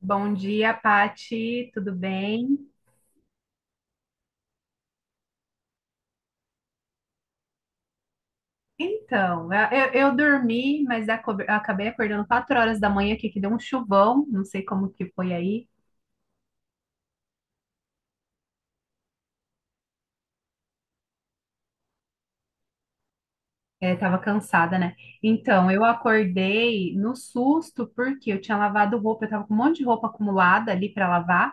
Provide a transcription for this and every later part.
Bom dia, Pati, tudo bem? Então, eu dormi, mas eu acabei acordando 4 horas da manhã aqui, que deu um chuvão, não sei como que foi aí, é, tava cansada, né? Então, eu acordei no susto, porque eu tinha lavado roupa, eu tava com um monte de roupa acumulada ali para lavar,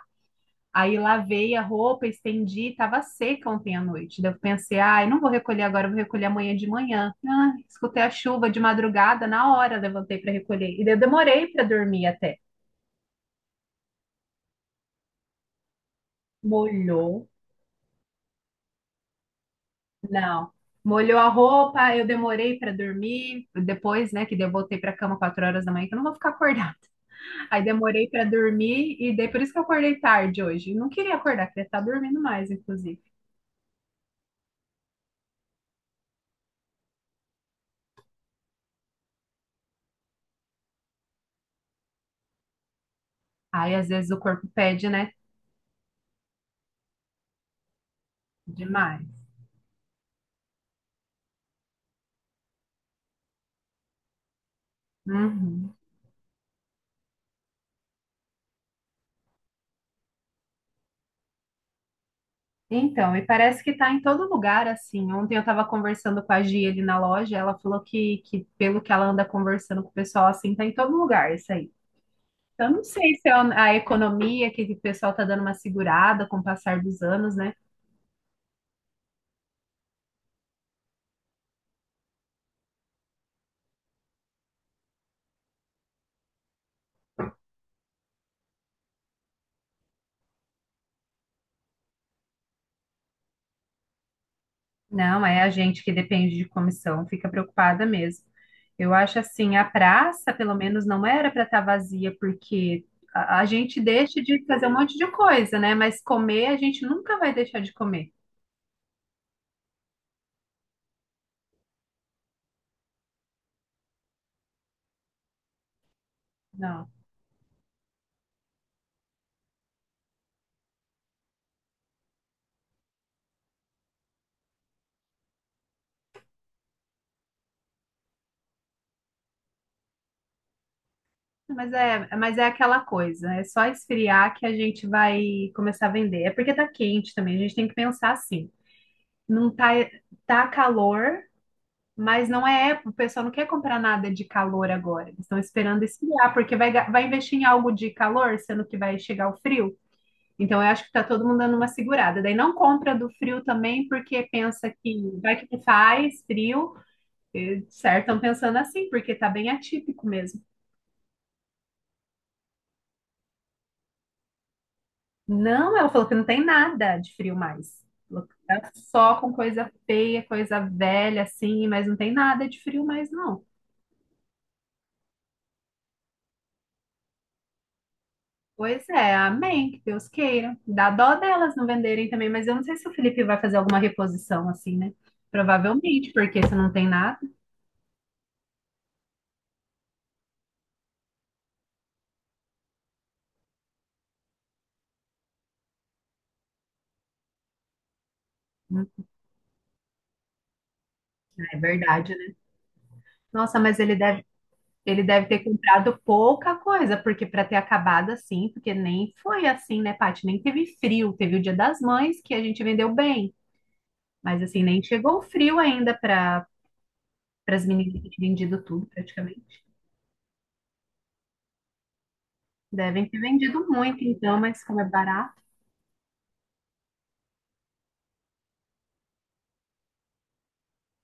aí lavei a roupa, estendi, tava seca ontem à noite, daí eu pensei, ai, não vou recolher agora, eu vou recolher amanhã de manhã. Ah, escutei a chuva de madrugada, na hora levantei para recolher, e daí eu demorei para dormir até. Molhou. Não. Molhou a roupa, eu demorei para dormir. Depois, né, que daí eu voltei para cama 4 horas da manhã, que eu não vou ficar acordada. Aí demorei para dormir e daí por isso que eu acordei tarde hoje. Não queria acordar, queria estar dormindo mais, inclusive. Aí às vezes o corpo pede, né? Demais. Uhum. Então, e parece que tá em todo lugar, assim. Ontem eu tava conversando com a Gi ali na loja, ela falou que pelo que ela anda conversando com o pessoal, assim, tá em todo lugar isso aí. Eu não sei se é a economia que o pessoal está dando uma segurada com o passar dos anos, né? Não, é a gente que depende de comissão, fica preocupada mesmo. Eu acho assim, a praça, pelo menos, não era para estar vazia, porque a gente deixa de fazer um monte de coisa, né? Mas comer, a gente nunca vai deixar de comer. Não. Mas é aquela coisa, é só esfriar que a gente vai começar a vender. É porque tá quente também, a gente tem que pensar assim. Não tá, tá calor. Mas não é época, o pessoal não quer comprar nada de calor agora. Eles estão esperando esfriar, porque vai, vai investir em algo de calor, sendo que vai chegar o frio. Então, eu acho que está todo mundo dando uma segurada. Daí não compra do frio também, porque pensa que vai que faz frio. E, certo, estão pensando assim, porque está bem atípico mesmo. Não, ela falou que não tem nada de frio mais. Falou que tá só com coisa feia, coisa velha, assim, mas não tem nada de frio mais, não. Pois é, amém, que Deus queira. Dá dó delas não venderem também, mas eu não sei se o Felipe vai fazer alguma reposição assim, né? Provavelmente, porque se não tem nada, hum, é verdade, né? Nossa, mas ele deve ter comprado pouca coisa, porque para ter acabado assim, porque nem foi assim, né, Paty? Nem teve frio, teve o Dia das Mães que a gente vendeu bem, mas assim, nem chegou o frio ainda para para as meninas que tinham vendido tudo, praticamente. Devem ter vendido muito, então, mas como é barato.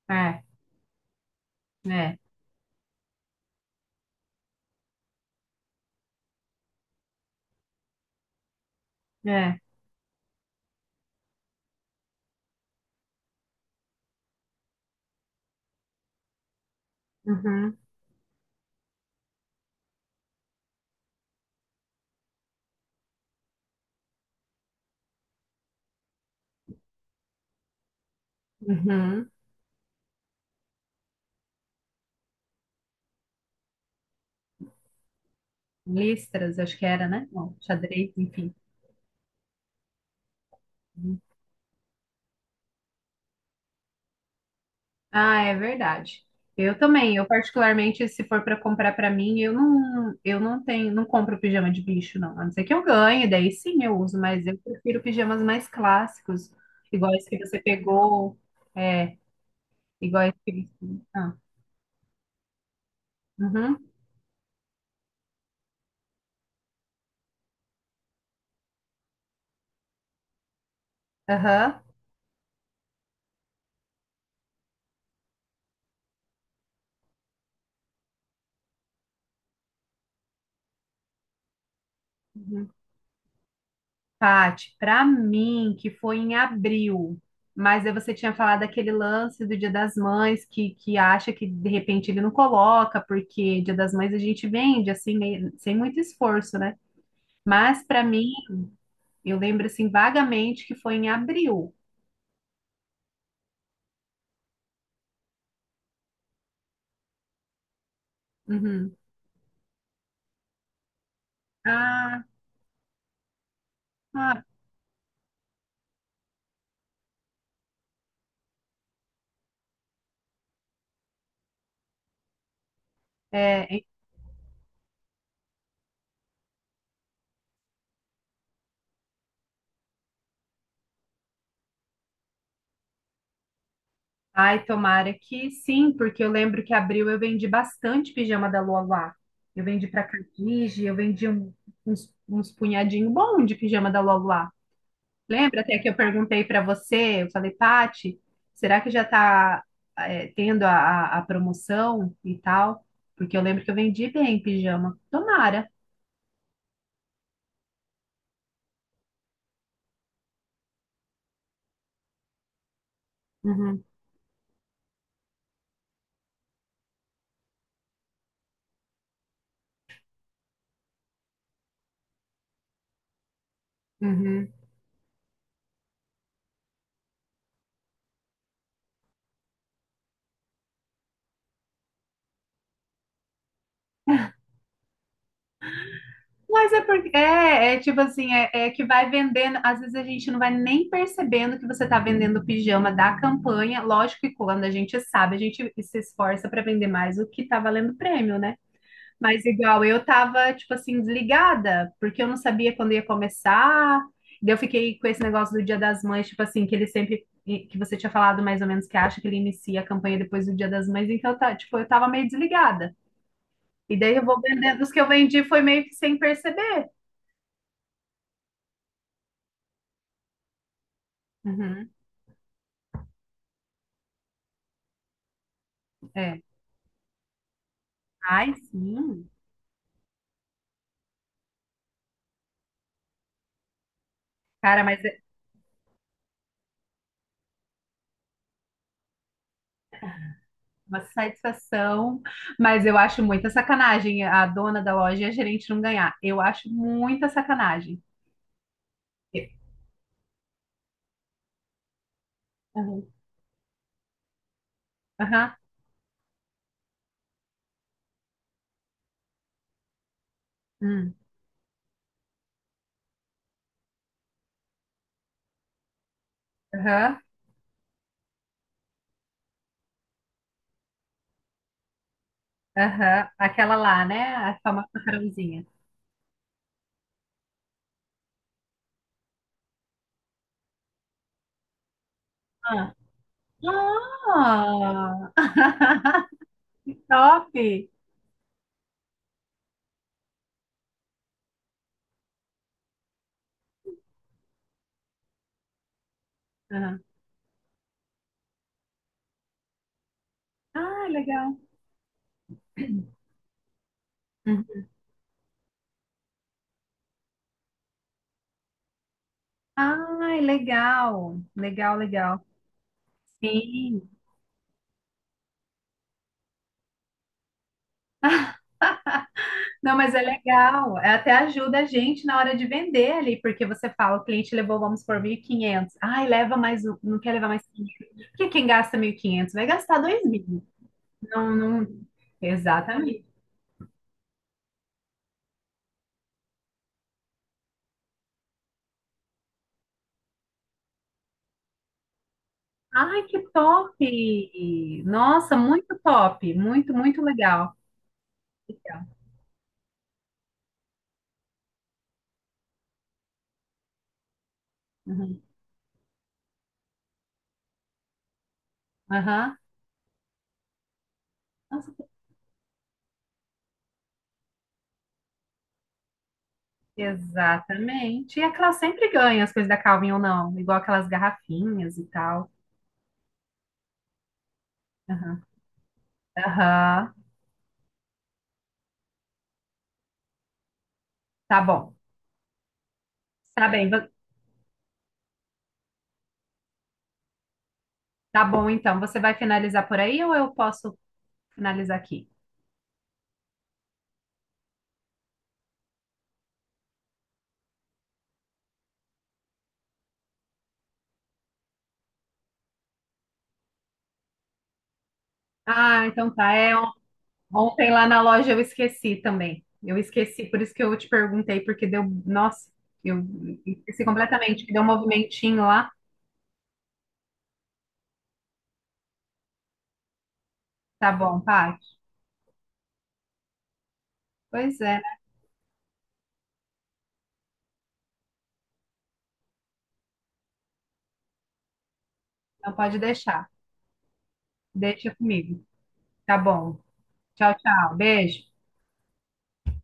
É, é, é. Uhum. Uhum. Listras, acho que era, né? Bom, xadrez, enfim. Ah, é verdade. Eu também, eu particularmente, se for para comprar para mim, eu não tenho, não compro pijama de bicho, não. A não ser que eu ganhe, daí sim eu uso, mas eu prefiro pijamas mais clássicos, iguais que você pegou, é, iguais que. Ah, uhum, aham. Uhum. Paty, para mim, que foi em abril, mas aí você tinha falado aquele lance do Dia das Mães, que acha que de repente ele não coloca, porque Dia das Mães a gente vende, assim, sem muito esforço, né? Mas para mim, eu lembro, assim, vagamente que foi em abril. Uhum. Ah, ah, é. Ai, tomara que sim, porque eu lembro que abril eu vendi bastante pijama da Lua lá. Eu vendi para Cardige, uns, uns punhadinho bom de pijama da Lua. Lembra até que eu perguntei para você, eu falei, Pati, será que já está tendo a promoção e tal? Porque eu lembro que eu vendi bem pijama. Tomara. Uhum, uhum. Mas é porque é tipo assim, é que vai vendendo, às vezes a gente não vai nem percebendo que você está vendendo pijama da campanha. Lógico que quando a gente sabe, a gente se esforça para vender mais o que está valendo prêmio, né? Mas igual, eu tava, tipo assim, desligada, porque eu não sabia quando ia começar. Daí eu fiquei com esse negócio do Dia das Mães, tipo assim, que ele sempre, que você tinha falado mais ou menos que acha que ele inicia a campanha depois do Dia das Mães, então eu tá, tipo, eu tava meio desligada. E daí eu vou vendendo, os que eu vendi foi meio que sem perceber. Uhum, é. Ai, sim. Cara, mas é uma satisfação. Mas eu acho muita sacanagem a dona da loja e a gerente não ganhar. Eu acho muita sacanagem. Uhum. Aham. Uhum. Aham, aham. Aquela lá, né? A famosa macarrãozinha. Ah, ah! Top! Aham. Ah, legal. Uhum. Ai, legal. Legal, legal. Sim. Não, mas é legal. É, até ajuda a gente na hora de vender ali, porque você fala, o cliente levou, vamos por 1.500. Ai, leva mais um, não quer levar mais 500. Porque quem gasta 1.500? Vai gastar 2.000? Não, não. Exatamente. Ai, que top! Nossa, muito top, muito, muito legal. Uhum. Aham. Nossa, exatamente. E aquelas sempre ganham as coisas da Calvin ou não, igual aquelas garrafinhas e tal. Aham. Aham. Tá bom. Tá bem, tá bom então. Você vai finalizar por aí ou eu posso finalizar aqui? Ah, então tá. Ontem lá na loja eu esqueci também. Eu esqueci, por isso que eu te perguntei, porque deu. Nossa, eu esqueci completamente, que deu um movimentinho lá. Tá bom, Paty? Pois é, não pode deixar. Deixa comigo. Tá bom. Tchau, tchau. Beijo.